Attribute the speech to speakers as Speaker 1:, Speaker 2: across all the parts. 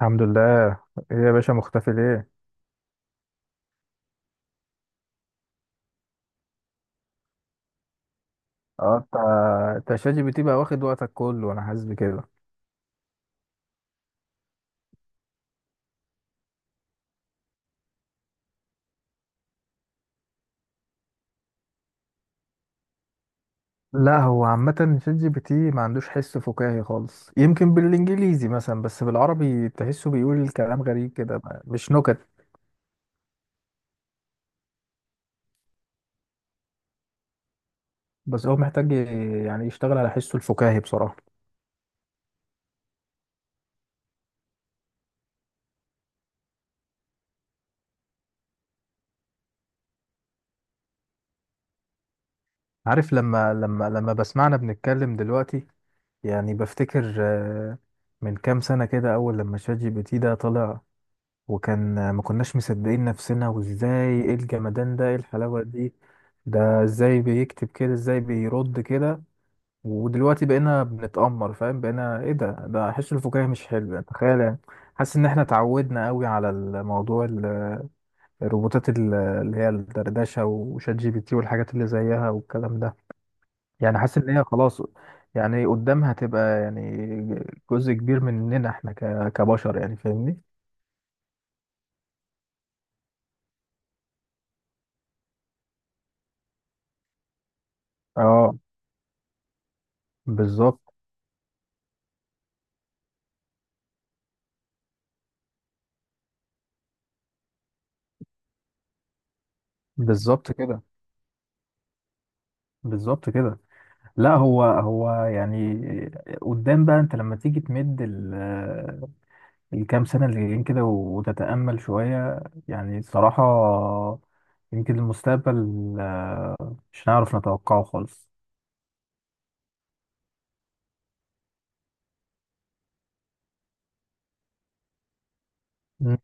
Speaker 1: الحمد لله. ايه يا باشا مختفي ليه؟ اه انت، شات جي بي تي بقى واخد وقتك كله، انا حاسس بكده. لا، هو عامة شات جي بي تي ما عندوش حس فكاهي خالص، يمكن بالانجليزي مثلا، بس بالعربي تحسه بيقول الكلام غريب كده، مش نكت. بس هو محتاج يعني يشتغل على حسه الفكاهي بصراحة. عارف لما لما بسمعنا بنتكلم دلوقتي، يعني بفتكر من كام سنة كده أول لما شات جي بي تي ده طلع، وكان ما كناش مصدقين نفسنا، وازاي ايه الجمدان ده، ايه الحلاوة دي، ده ازاي بيكتب كده، ازاي بيرد كده. ودلوقتي بقينا بنتأمر، فاهم، بقينا ايه ده حس الفكاهي مش حلو يعني، تخيل يعني. حاسس ان احنا اتعودنا قوي على الموضوع الروبوتات اللي هي الدردشة وشات جي بي تي والحاجات اللي زيها والكلام ده. يعني حاسس ان هي خلاص يعني قدامها تبقى يعني جزء كبير مننا احنا كبشر يعني، فاهمني. اه، بالظبط. بالظبط كده. بالظبط كده. لا، هو يعني قدام بقى، انت لما تيجي تمد الكام سنة اللي جايين كده وتتأمل شوية، يعني صراحة يمكن المستقبل مش هنعرف نتوقعه خالص. مم.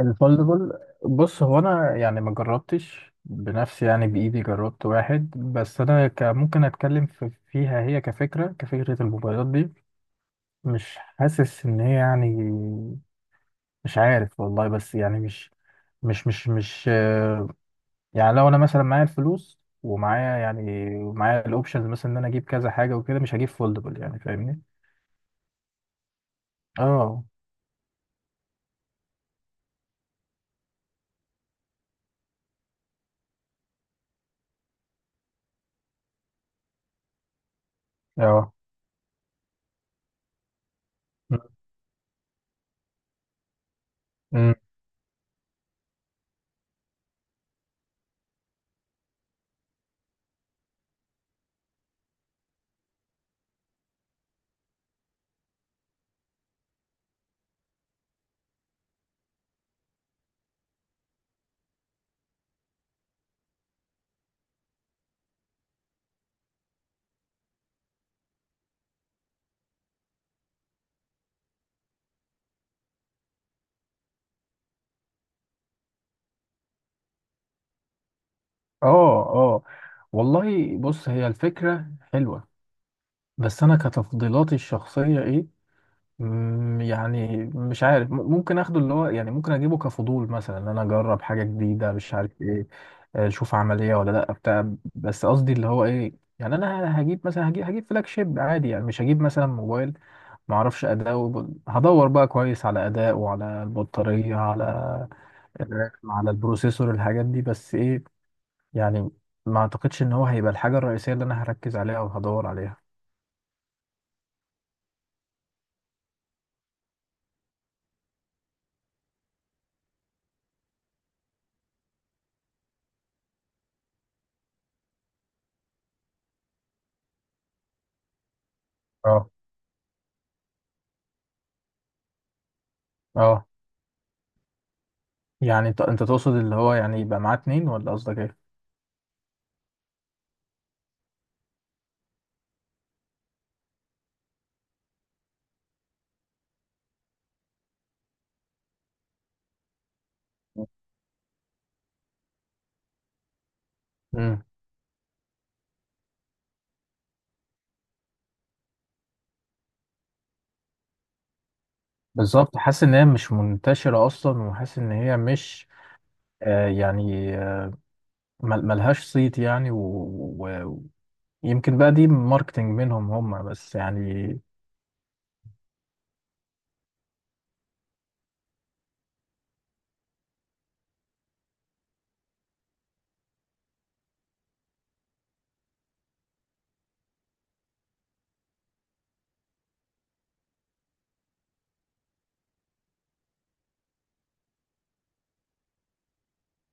Speaker 1: الفولدبل. بص، هو انا يعني ما جربتش بنفسي، يعني بايدي جربت واحد بس، انا ممكن اتكلم فيها، هي كفكره، الموبايلات دي مش حاسس ان هي يعني، مش عارف والله، بس يعني مش يعني لو انا مثلا معايا الفلوس ومعايا يعني، معايا الاوبشنز مثلا، ان انا اجيب كذا حاجه وكده، مش هجيب فولدبل يعني، فاهمني. اه، اه. أمم. اه، اه. والله بص، هي الفكرة حلوة، بس أنا كتفضيلاتي الشخصية إيه؟ يعني مش عارف، ممكن اخده اللي هو يعني، ممكن اجيبه كفضول مثلا، ان انا اجرب حاجه جديده مش عارف ايه، اشوف عمليه ولا لا بتاع. بس قصدي اللي هو ايه، يعني انا هجيب مثلا، هجيب فلاج شيب عادي يعني، مش هجيب مثلا موبايل ما اعرفش اداء هدور بقى كويس على اداء وعلى البطاريه، على الرام، على البروسيسور، الحاجات دي، بس ايه، يعني ما اعتقدش ان هو هيبقى الحاجه الرئيسيه اللي انا هركز عليها او هدور عليها. اه، اه. يعني انت تقصد اللي هو يعني يبقى معاه اتنين، ولا قصدك ايه؟ امم. بالظبط، حاسس ان هي مش منتشرة اصلا، وحاسس ان هي مش يعني ملهاش صيت يعني، و- ويمكن بقى دي ماركتينج منهم هم بس يعني.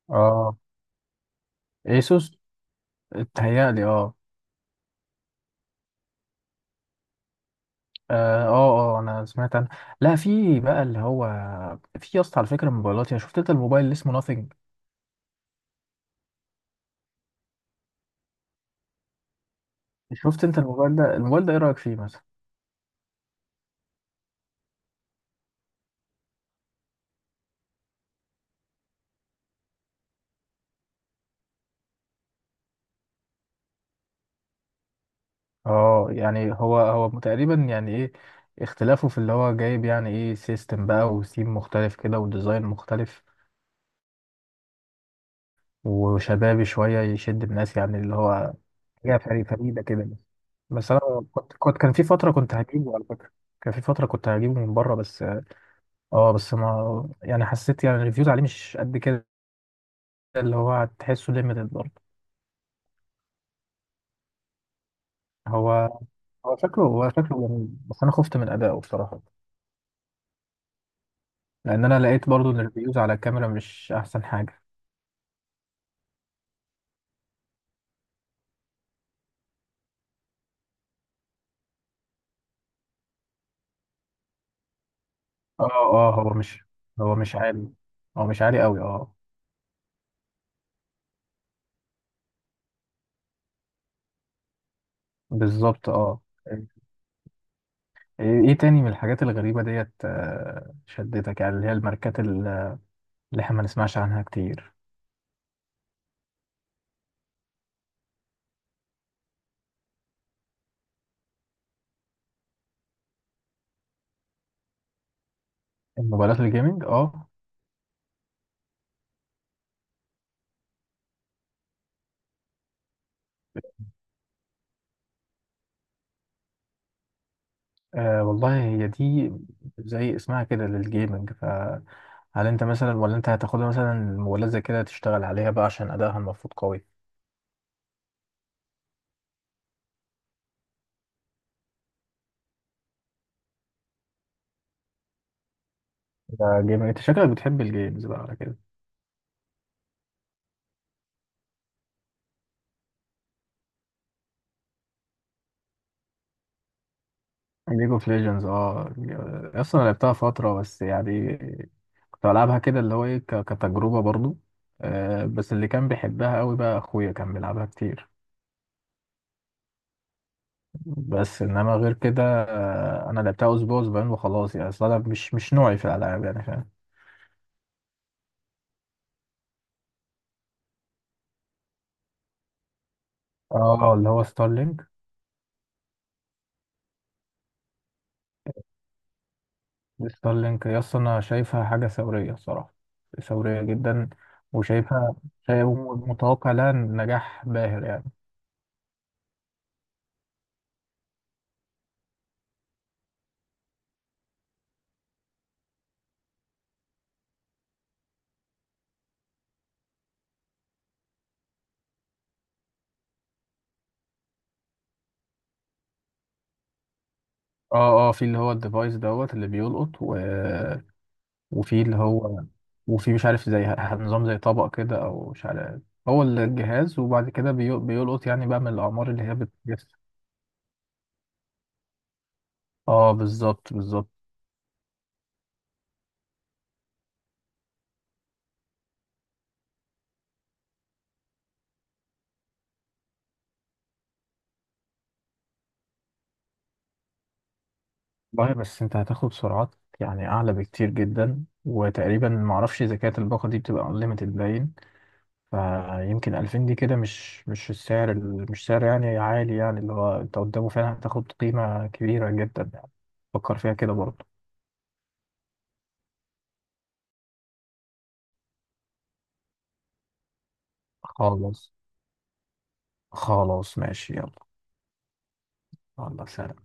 Speaker 1: اه، ايسوس. اتهيألي اه. اه، اه، انا سمعت عنه. لا، في بقى اللي هو، في يا اسطى على فكرة موبايلات، يعني شفت انت الموبايل اللي اسمه ناثينج؟ شفت انت الموبايل ده؟ الموبايل ده ايه رأيك فيه مثلا؟ اه، يعني هو تقريبا يعني ايه، اختلافه في اللي هو جايب، يعني ايه، سيستم بقى وثيم مختلف كده، وديزاين مختلف وشبابي شوية يشد الناس يعني، اللي هو حاجة فريدة كده. بس انا كنت، كان في فترة كنت هجيبه على فكرة، كان في فترة كنت هجيبه من بره بس. اه، بس ما يعني حسيت يعني الريفيوز عليه مش قد كده، اللي هو هتحسه ليميتد برضه. هو هو شكله جميل، بس انا خفت من ادائه بصراحة، لان انا لقيت برضه ان الريفيوز على الكاميرا مش احسن حاجة. اه، اه. هو مش عالي، هو مش عالي قوي، اه. بالظبط، اه. ايه تاني من الحاجات الغريبة ديت شدتك يعني، اللي هي الماركات اللي احنا ما نسمعش عنها كتير. الموبايلات الجيمنج، اه. والله هي دي زي اسمها كده للجيمنج، فهل انت مثلا، ولا انت هتاخدها مثلا الموبايلات زي كده تشتغل عليها بقى عشان ادائها المفروض قوي؟ ده جيمنج، انت شكلك بتحب الجيمز بقى على كده. ليج اوف ليجندز، اه. اصلا أنا لعبتها فترة بس يعني، كنت بلعبها كده اللي هو ايه كتجربة برضو. بس اللي كان بيحبها قوي بقى اخويا، كان بيلعبها كتير. بس انما غير كده، انا لعبتها اسبوع اسبوعين وخلاص يعني، اصلا أنا مش نوعي في الالعاب يعني، فاهم. اه، اللي هو ستارلينك. ستارلينك يا اسطى، انا شايفها حاجة ثورية الصراحة، ثورية جدا. وشايفها، شايف متوقع لها نجاح باهر يعني. اه، اه، في اللي هو الديفايس دوت اللي بيلقط، وفي اللي هو، وفي مش عارف زي نظام زي طبق كده او مش عارف، هو الجهاز، وبعد كده بيلقط يعني بقى من الاعمار اللي هي بتجس. اه، بالظبط، بالظبط. والله بس انت هتاخد سرعات يعني اعلى بكتير جدا، وتقريبا معرفش اذا كانت الباقه دي بتبقى انليمتد باين. فيمكن 2000 دي كده مش مش السعر مش سعر يعني عالي يعني، اللي هو انت قدامه فعلا هتاخد قيمه كبيره جدا يعني. فكر فيها كده برضه. خلاص. خلاص ماشي، يلا. الله، سلام.